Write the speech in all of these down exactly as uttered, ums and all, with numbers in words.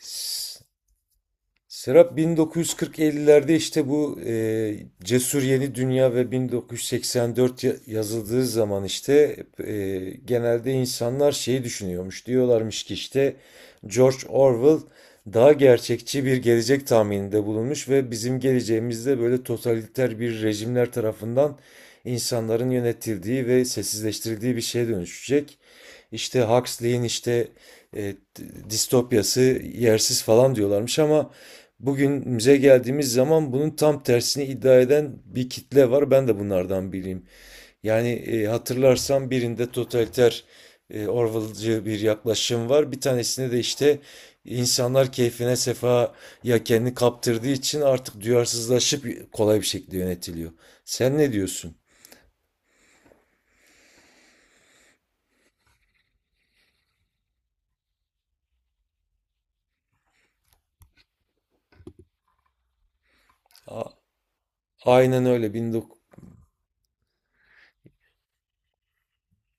S- Serap, bin dokuz yüz kırk ellilerde işte bu e, Cesur Yeni Dünya ve bin dokuz yüz seksen dört ya- yazıldığı zaman işte e, genelde insanlar şeyi düşünüyormuş. Diyorlarmış ki işte George Orwell daha gerçekçi bir gelecek tahmininde bulunmuş ve bizim geleceğimizde böyle totaliter bir rejimler tarafından insanların yönetildiği ve sessizleştirildiği bir şeye dönüşecek. İşte Huxley'in işte e, distopyası yersiz falan diyorlarmış ama bugünümüze geldiğimiz zaman bunun tam tersini iddia eden bir kitle var. Ben de bunlardan biriyim. Yani e, hatırlarsan birinde totaliter, e, Orwell'cı bir yaklaşım var. Bir tanesinde de işte insanlar keyfine sefaya kendini kaptırdığı için artık duyarsızlaşıp kolay bir şekilde yönetiliyor. Sen ne diyorsun? A- Aynen öyle. on dokuz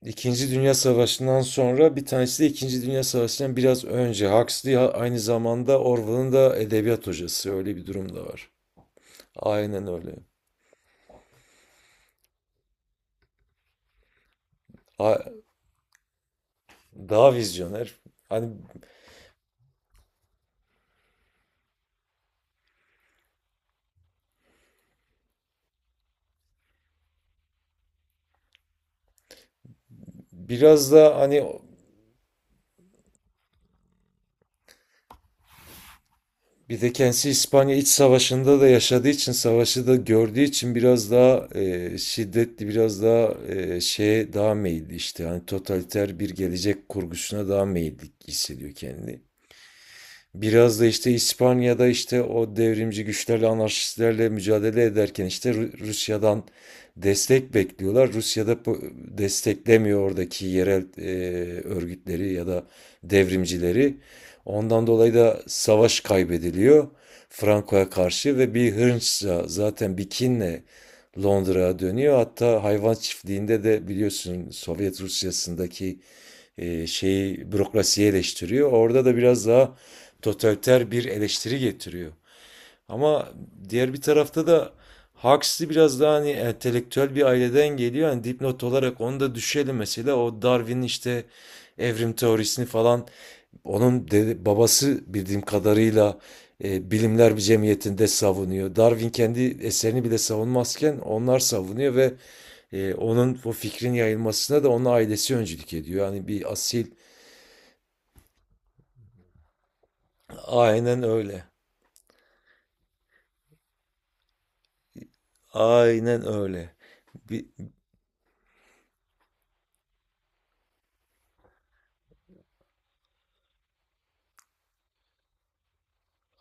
İkinci Dünya Savaşı'ndan sonra bir tanesi de İkinci Dünya Savaşı'ndan biraz önce. Huxley ha- aynı zamanda Orwell'ın da edebiyat hocası. Öyle bir durum da var. Aynen öyle. A- Daha vizyoner. Hani biraz da hani, bir de kendisi İspanya İç Savaşı'nda da yaşadığı için, savaşı da gördüğü için biraz daha e, şiddetli, biraz daha e, şeye daha meyilli işte. Hani totaliter bir gelecek kurgusuna daha meyilli hissediyor kendini. Biraz da işte İspanya'da işte o devrimci güçlerle, anarşistlerle mücadele ederken işte Rusya'dan destek bekliyorlar. Rusya'da desteklemiyor oradaki yerel e, örgütleri ya da devrimcileri. Ondan dolayı da savaş kaybediliyor Franco'ya karşı ve bir hınçla zaten bir kinle Londra'ya dönüyor. Hatta hayvan çiftliğinde de biliyorsun Sovyet Rusya'sındaki e, şeyi, bürokrasiyi eleştiriyor. Orada da biraz daha totaliter bir eleştiri getiriyor. Ama diğer bir tarafta da Huxley biraz daha hani entelektüel bir aileden geliyor. Hani dipnot olarak onu da düşelim mesela. O Darwin'in işte evrim teorisini falan, onun dede- babası bildiğim kadarıyla e, Bilimler bir Cemiyeti'nde savunuyor. Darwin kendi eserini bile savunmazken onlar savunuyor ve e, onun o fikrin yayılmasına da onun ailesi öncülük ediyor. Yani bir asil aynen öyle. Aynen öyle. Bir,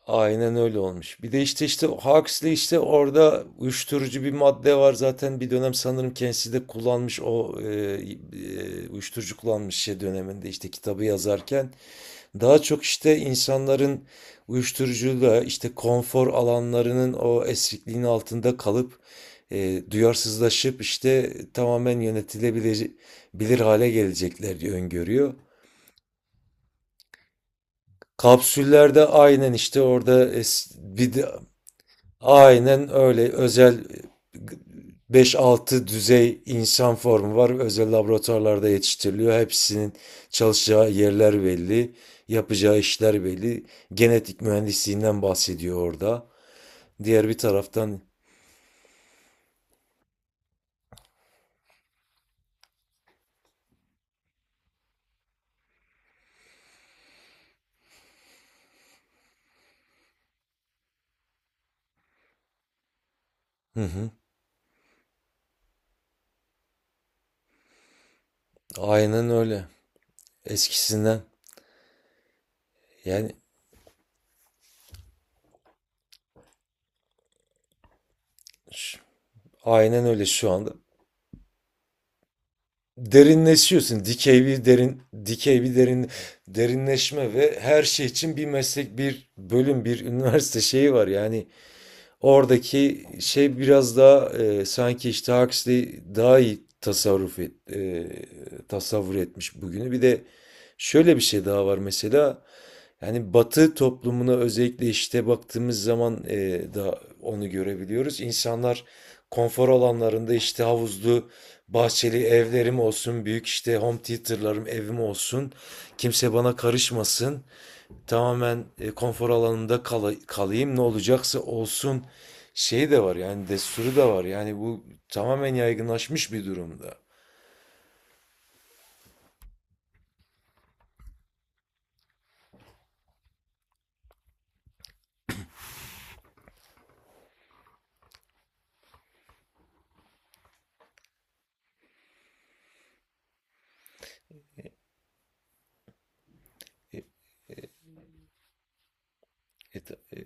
Aynen öyle olmuş. Bir de işte işte Huxley işte orada uyuşturucu bir madde var, zaten bir dönem sanırım kendisi de kullanmış o e, e, uyuşturucu kullanmış şey döneminde işte kitabı yazarken daha çok işte insanların uyuşturucuyla işte konfor alanlarının o esrikliğin altında kalıp e, duyarsızlaşıp işte tamamen yönetilebilir bilir hale gelecekler diye öngörüyor. Kapsüllerde aynen işte orada es- bir de aynen öyle. Özel beş altı düzey insan formu var. Özel laboratuvarlarda yetiştiriliyor. Hepsinin çalışacağı yerler belli. Yapacağı işler belli. Genetik mühendisliğinden bahsediyor orada. Diğer bir taraftan, hı hı, aynen öyle. Eskisinden yani, ş- aynen öyle şu anda. Derinleşiyorsun. Dikey bir derin, dikey bir derin, derinleşme ve her şey için bir meslek, bir bölüm, bir üniversite şeyi var. Yani oradaki şey biraz daha e, sanki işte Huxley daha iyi tasarruf et, e, tasavvur etmiş bugünü. Bir de şöyle bir şey daha var mesela. Yani Batı toplumuna özellikle işte baktığımız zaman e, da onu görebiliyoruz. İnsanlar konfor alanlarında işte havuzlu, bahçeli evlerim olsun, büyük işte home theater'larım, evim olsun. Kimse bana karışmasın, tamamen e, konfor alanında kala- kalayım, ne olacaksa olsun şey de var yani, desturu da var yani, bu tamamen yaygınlaşmış bir durumda. E, e, ta- e,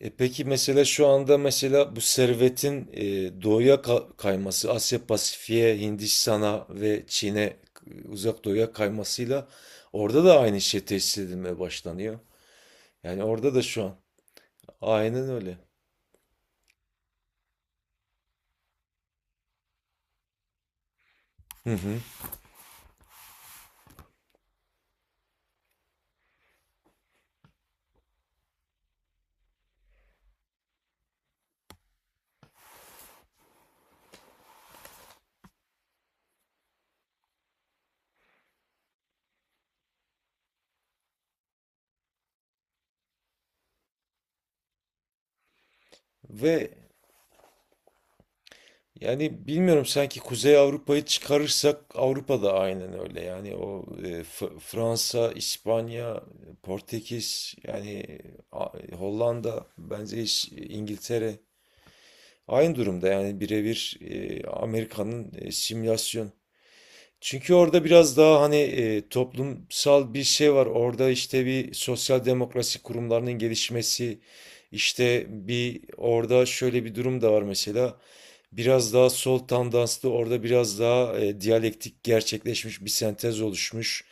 e, peki mesela şu anda mesela bu servetin e, doğuya ka- kayması Asya Pasifik'e, Hindistan'a ve Çin'e, e, uzak doğuya kaymasıyla orada da aynı şey tesis edilmeye başlanıyor. Yani orada da şu an aynen öyle. Hı hı. Ve Yani bilmiyorum, sanki Kuzey Avrupa'yı çıkarırsak Avrupa da aynen öyle. Yani o, e, F- Fransa, İspanya, e, Portekiz, yani a- Hollanda, bence hiç İngiltere aynı durumda. Yani birebir e, Amerika'nın e, simülasyon. Çünkü orada biraz daha hani e, toplumsal bir şey var. Orada işte bir sosyal demokrasi kurumlarının gelişmesi, işte bir orada şöyle bir durum da var mesela. Biraz daha sol tandanslı, orada biraz daha e, diyalektik gerçekleşmiş bir sentez oluşmuş.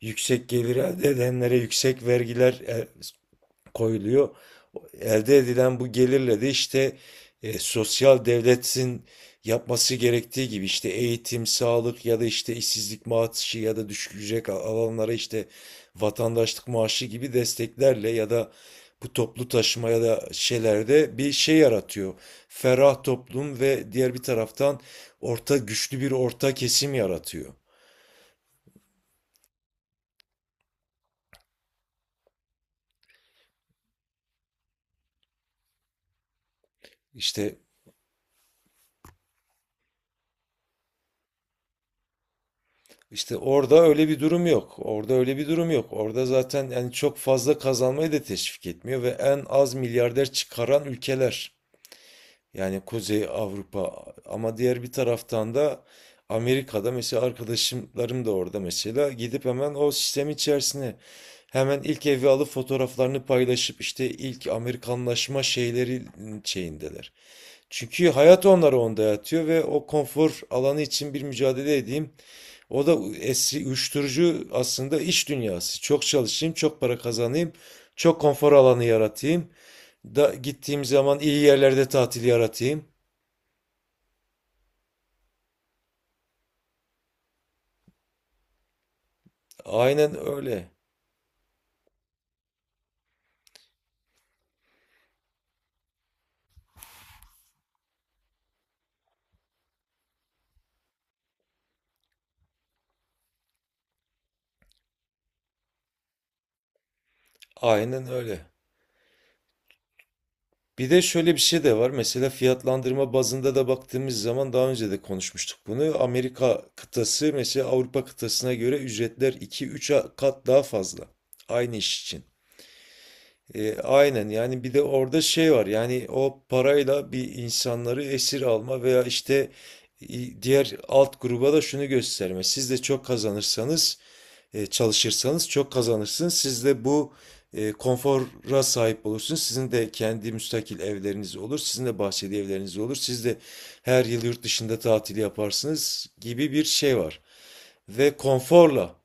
Yüksek gelir elde edenlere yüksek vergiler, e, koyuluyor. Elde edilen bu gelirle de işte e, sosyal devletin yapması gerektiği gibi işte eğitim, sağlık ya da işte işsizlik maaşı ya da düşük ücret alanlara işte vatandaşlık maaşı gibi desteklerle ya da bu toplu taşıma ya da şeylerde bir şey yaratıyor. Ferah toplum ve diğer bir taraftan orta güçlü bir orta kesim yaratıyor. İşte İşte orada öyle bir durum yok. Orada öyle bir durum yok. Orada zaten yani çok fazla kazanmayı da teşvik etmiyor ve en az milyarder çıkaran ülkeler. Yani Kuzey Avrupa. Ama diğer bir taraftan da Amerika'da mesela arkadaşlarım da orada mesela gidip hemen o sistem içerisine hemen ilk evi alıp fotoğraflarını paylaşıp işte ilk Amerikanlaşma şeyleri ıı, şeyindeler. Çünkü hayat onları onda yatıyor ve o konfor alanı için bir mücadele edeyim. O da eski uyuşturucu aslında iş dünyası. Çok çalışayım, çok para kazanayım, çok konfor alanı yaratayım. Da gittiğim zaman iyi yerlerde tatil yaratayım. Aynen öyle. Aynen öyle. Bir de şöyle bir şey de var. Mesela fiyatlandırma bazında da baktığımız zaman daha önce de konuşmuştuk bunu. Amerika kıtası mesela Avrupa kıtasına göre ücretler iki üç kat daha fazla. Aynı iş için. E, aynen yani, bir de orada şey var yani, o parayla bir insanları esir alma veya işte i- diğer alt gruba da şunu gösterme. Siz de çok kazanırsanız, e, çalışırsanız çok kazanırsınız. Siz de bu e, konfora sahip olursunuz. Sizin de kendi müstakil evleriniz olur. Sizin de bahçeli evleriniz olur. Siz de her yıl yurt dışında tatil yaparsınız gibi bir şey var. Ve konforla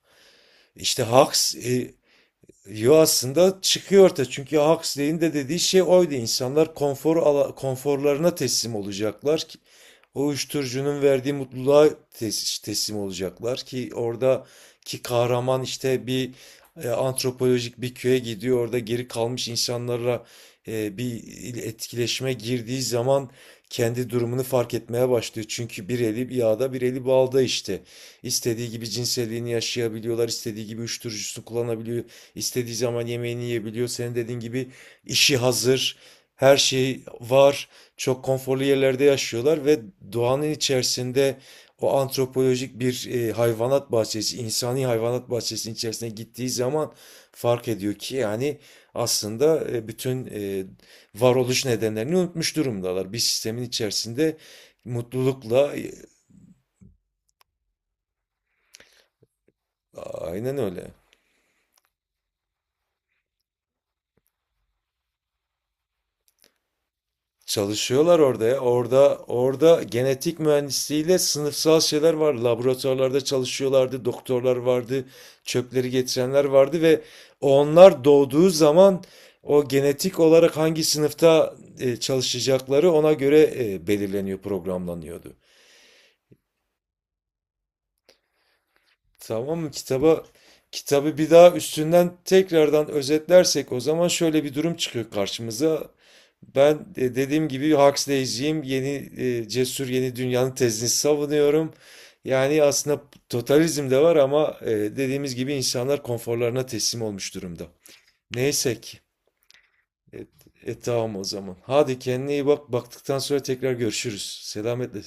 işte haks yo, aslında çıkıyor ortaya çünkü Huxley'in de dediği şey oydu. İnsanlar konfor ala- konforlarına teslim olacaklar, o uyuşturucunun verdiği mutluluğa tes- teslim olacaklar ki oradaki kahraman işte bir e, antropolojik bir köye gidiyor, orada geri kalmış insanlarla e, bir etkileşime girdiği zaman kendi durumunu fark etmeye başlıyor. Çünkü bir eli yağda bir eli balda işte. İstediği gibi cinselliğini yaşayabiliyorlar, istediği gibi uyuşturucusunu kullanabiliyor, istediği zaman yemeğini yiyebiliyor. Senin dediğin gibi işi hazır, her şey var. Çok konforlu yerlerde yaşıyorlar ve doğanın içerisinde o antropolojik bir e, hayvanat bahçesi, insani hayvanat bahçesinin içerisine gittiği zaman fark ediyor ki yani aslında e, bütün e, varoluş nedenlerini unutmuş durumdalar. Bir sistemin içerisinde mutlulukla, e, aynen öyle. Çalışıyorlar orada ya. Orada orada genetik mühendisliğiyle sınıfsal şeyler var. Laboratuvarlarda çalışıyorlardı, doktorlar vardı, çöpleri getirenler vardı ve onlar doğduğu zaman o genetik olarak hangi sınıfta e, çalışacakları ona göre e, belirleniyor, programlanıyordu. Tamam mı? Kitaba kitabı bir daha üstünden tekrardan özetlersek o zaman şöyle bir durum çıkıyor karşımıza. Ben e, dediğim gibi Huxley'ciyim. Yeni e, cesur Yeni Dünyanın tezini savunuyorum. Yani aslında totalizm de var ama e, dediğimiz gibi insanlar konforlarına teslim olmuş durumda. Neyse ki. E, e, tamam o zaman. Hadi kendine iyi bak. Baktıktan sonra tekrar görüşürüz. Selametle.